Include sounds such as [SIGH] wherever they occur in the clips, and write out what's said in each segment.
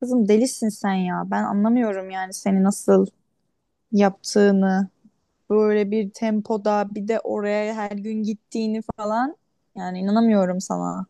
Kızım delisin sen ya. Ben anlamıyorum yani seni nasıl yaptığını. Böyle bir tempoda bir de oraya her gün gittiğini falan. Yani inanamıyorum sana.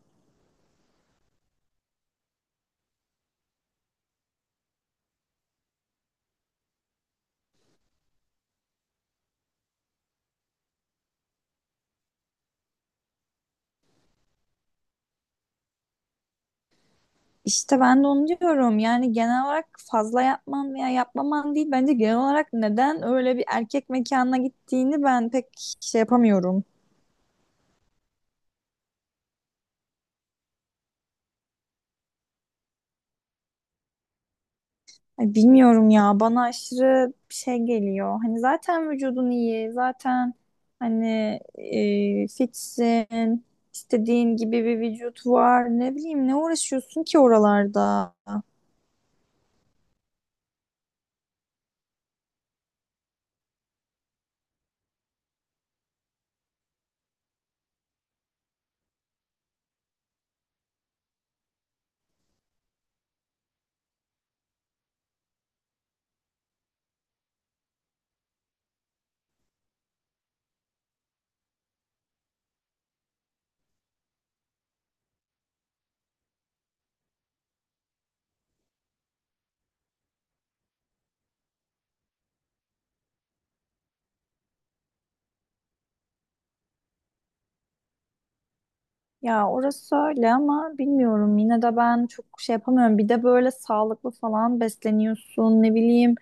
İşte ben de onu diyorum. Yani genel olarak fazla yapman veya yapmaman değil. Bence genel olarak neden öyle bir erkek mekanına gittiğini ben pek şey yapamıyorum. Ay, bilmiyorum ya, bana aşırı şey geliyor. Hani zaten vücudun iyi, zaten hani fitsin, istediğin gibi bir vücut var. Ne bileyim, ne uğraşıyorsun ki oralarda? Ya orası öyle ama bilmiyorum, yine de ben çok şey yapamıyorum. Bir de böyle sağlıklı falan besleniyorsun, ne bileyim,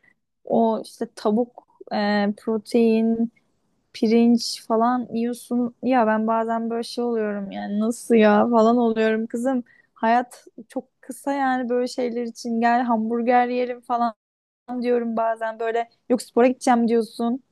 o işte tavuk, protein, pirinç falan yiyorsun. Ya ben bazen böyle şey oluyorum, yani nasıl ya falan oluyorum kızım. Hayat çok kısa, yani böyle şeyler için gel hamburger yiyelim falan diyorum bazen böyle. Yok, spora gideceğim diyorsun.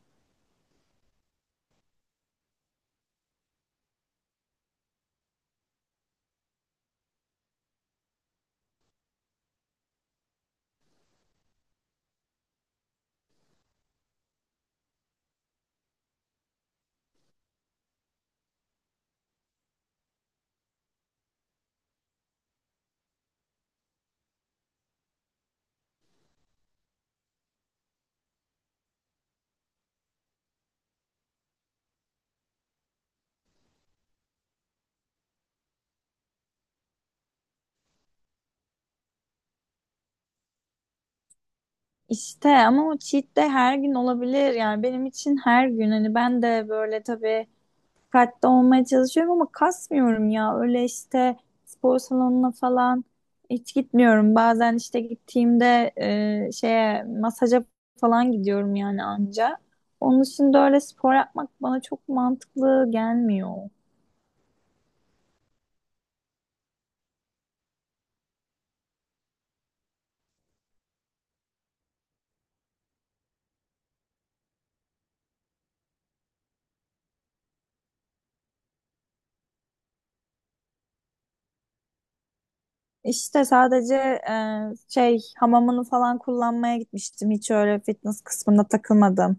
İşte ama o cheat de her gün olabilir, yani benim için her gün. Hani ben de böyle tabii dikkatli olmaya çalışıyorum ama kasmıyorum ya. Öyle işte, spor salonuna falan hiç gitmiyorum. Bazen işte gittiğimde şeye, masaja falan gidiyorum yani, anca. Onun için de öyle spor yapmak bana çok mantıklı gelmiyor. İşte sadece şey, hamamını falan kullanmaya gitmiştim. Hiç öyle fitness kısmında takılmadım.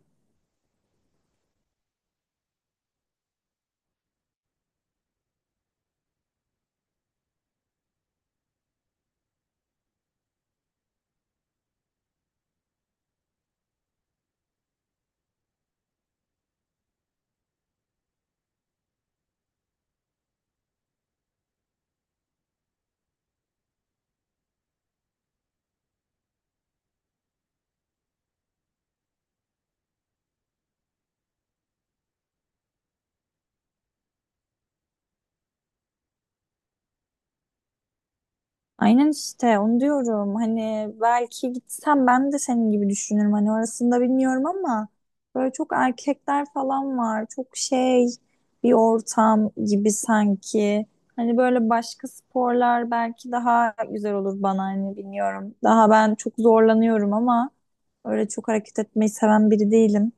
Aynen, işte onu diyorum. Hani belki gitsem ben de senin gibi düşünürüm. Hani orasında bilmiyorum ama böyle çok erkekler falan var. Çok şey, bir ortam gibi sanki. Hani böyle başka sporlar belki daha güzel olur bana, hani bilmiyorum. Daha ben çok zorlanıyorum ama öyle çok hareket etmeyi seven biri değilim.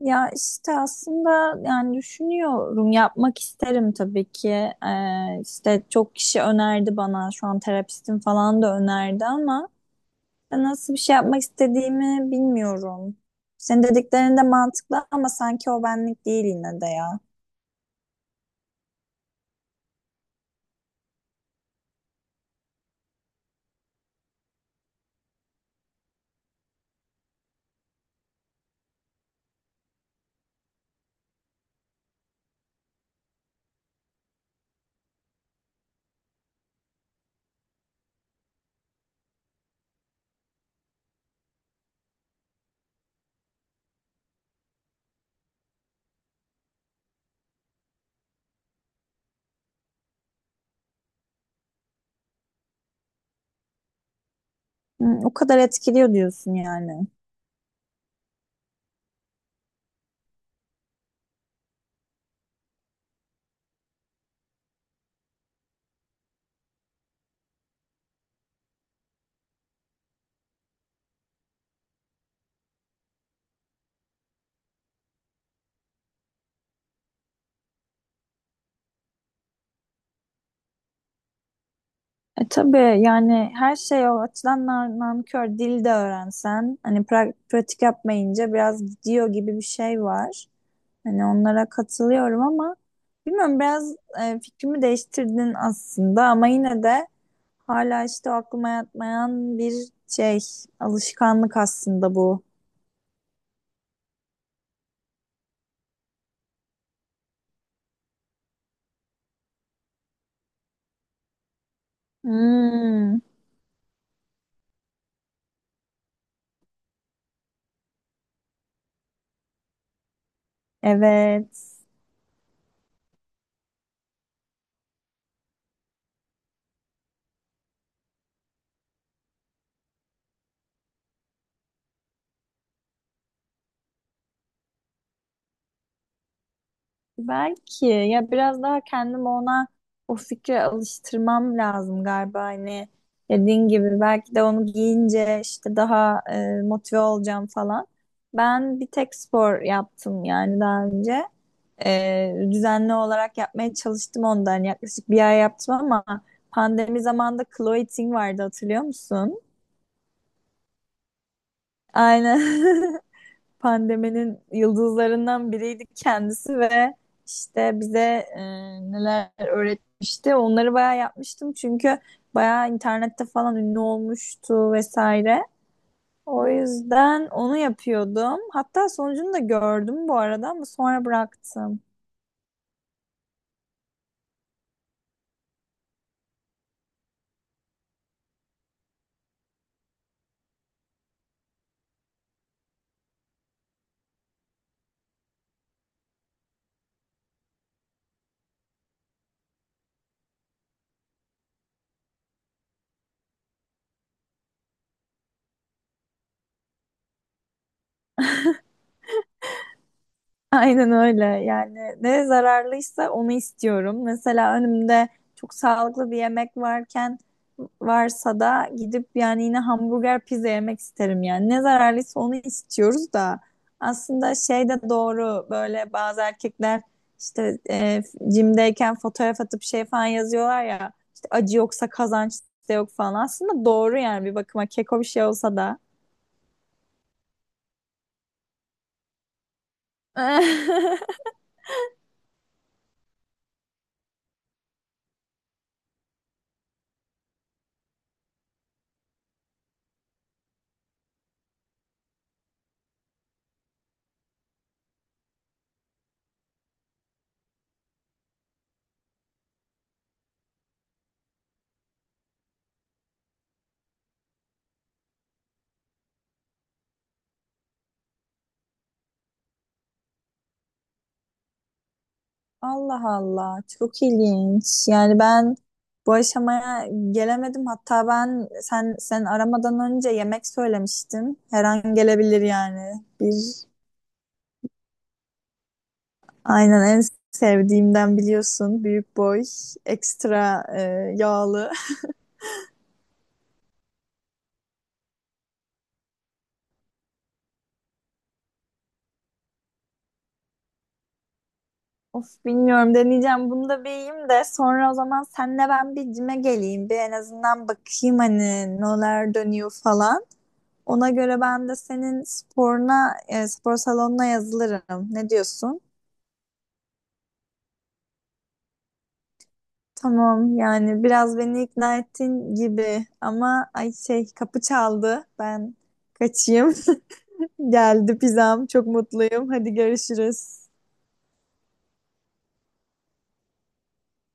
Ya işte aslında, yani düşünüyorum, yapmak isterim tabii ki. İşte çok kişi önerdi bana, şu an terapistim falan da önerdi ama ben nasıl bir şey yapmak istediğimi bilmiyorum. Senin dediklerin de mantıklı ama sanki o benlik değil yine de ya. Hı. O kadar etkiliyor diyorsun yani. E tabii, yani her şey o açıdan nankör. Dil de öğrensen, hani pratik yapmayınca biraz gidiyor gibi bir şey var. Hani onlara katılıyorum ama bilmiyorum, biraz fikrimi değiştirdin aslında ama yine de hala işte o aklıma yatmayan bir şey, alışkanlık aslında bu. Hmm, evet. Belki ya, biraz daha kendimi ona, o fikre alıştırmam lazım galiba. Hani dediğin gibi, belki de onu giyince işte daha motive olacağım falan. Ben bir tek spor yaptım yani daha önce. Düzenli olarak yapmaya çalıştım ondan, yani yaklaşık bir ay yaptım ama pandemi zamanında Chloe Ting vardı, hatırlıyor musun? Aynen. [LAUGHS] Pandeminin yıldızlarından biriydi kendisi ve işte bize e, neler öğretmişti. Onları bayağı yapmıştım çünkü bayağı internette falan ünlü olmuştu vesaire. O yüzden onu yapıyordum. Hatta sonucunu da gördüm bu arada ama sonra bıraktım. Aynen öyle. Yani ne zararlıysa onu istiyorum. Mesela önümde çok sağlıklı bir yemek varken, varsa da gidip yani yine hamburger, pizza yemek isterim yani. Ne zararlıysa onu istiyoruz da aslında şey de doğru, böyle bazı erkekler işte jimdeyken fotoğraf atıp şey falan yazıyorlar ya, işte acı yoksa kazanç da yok falan. Aslında doğru yani, bir bakıma keko bir şey olsa da. [LAUGHS] Allah Allah, çok ilginç. Yani ben bu aşamaya gelemedim. Hatta ben, sen aramadan önce yemek söylemiştin. Her an gelebilir yani. Bir aynen, en sevdiğimden, biliyorsun. Büyük boy, ekstra yağlı. [LAUGHS] Of, bilmiyorum, deneyeceğim. Bunu da bir yiyeyim de sonra o zaman senle ben bir cime geleyim. Bir en azından bakayım, hani neler dönüyor falan. Ona göre ben de senin sporuna, spor salonuna yazılırım. Ne diyorsun? Tamam, yani biraz beni ikna ettin gibi ama ay, şey, kapı çaldı. Ben kaçayım. [LAUGHS] Geldi pizzam. Çok mutluyum. Hadi görüşürüz.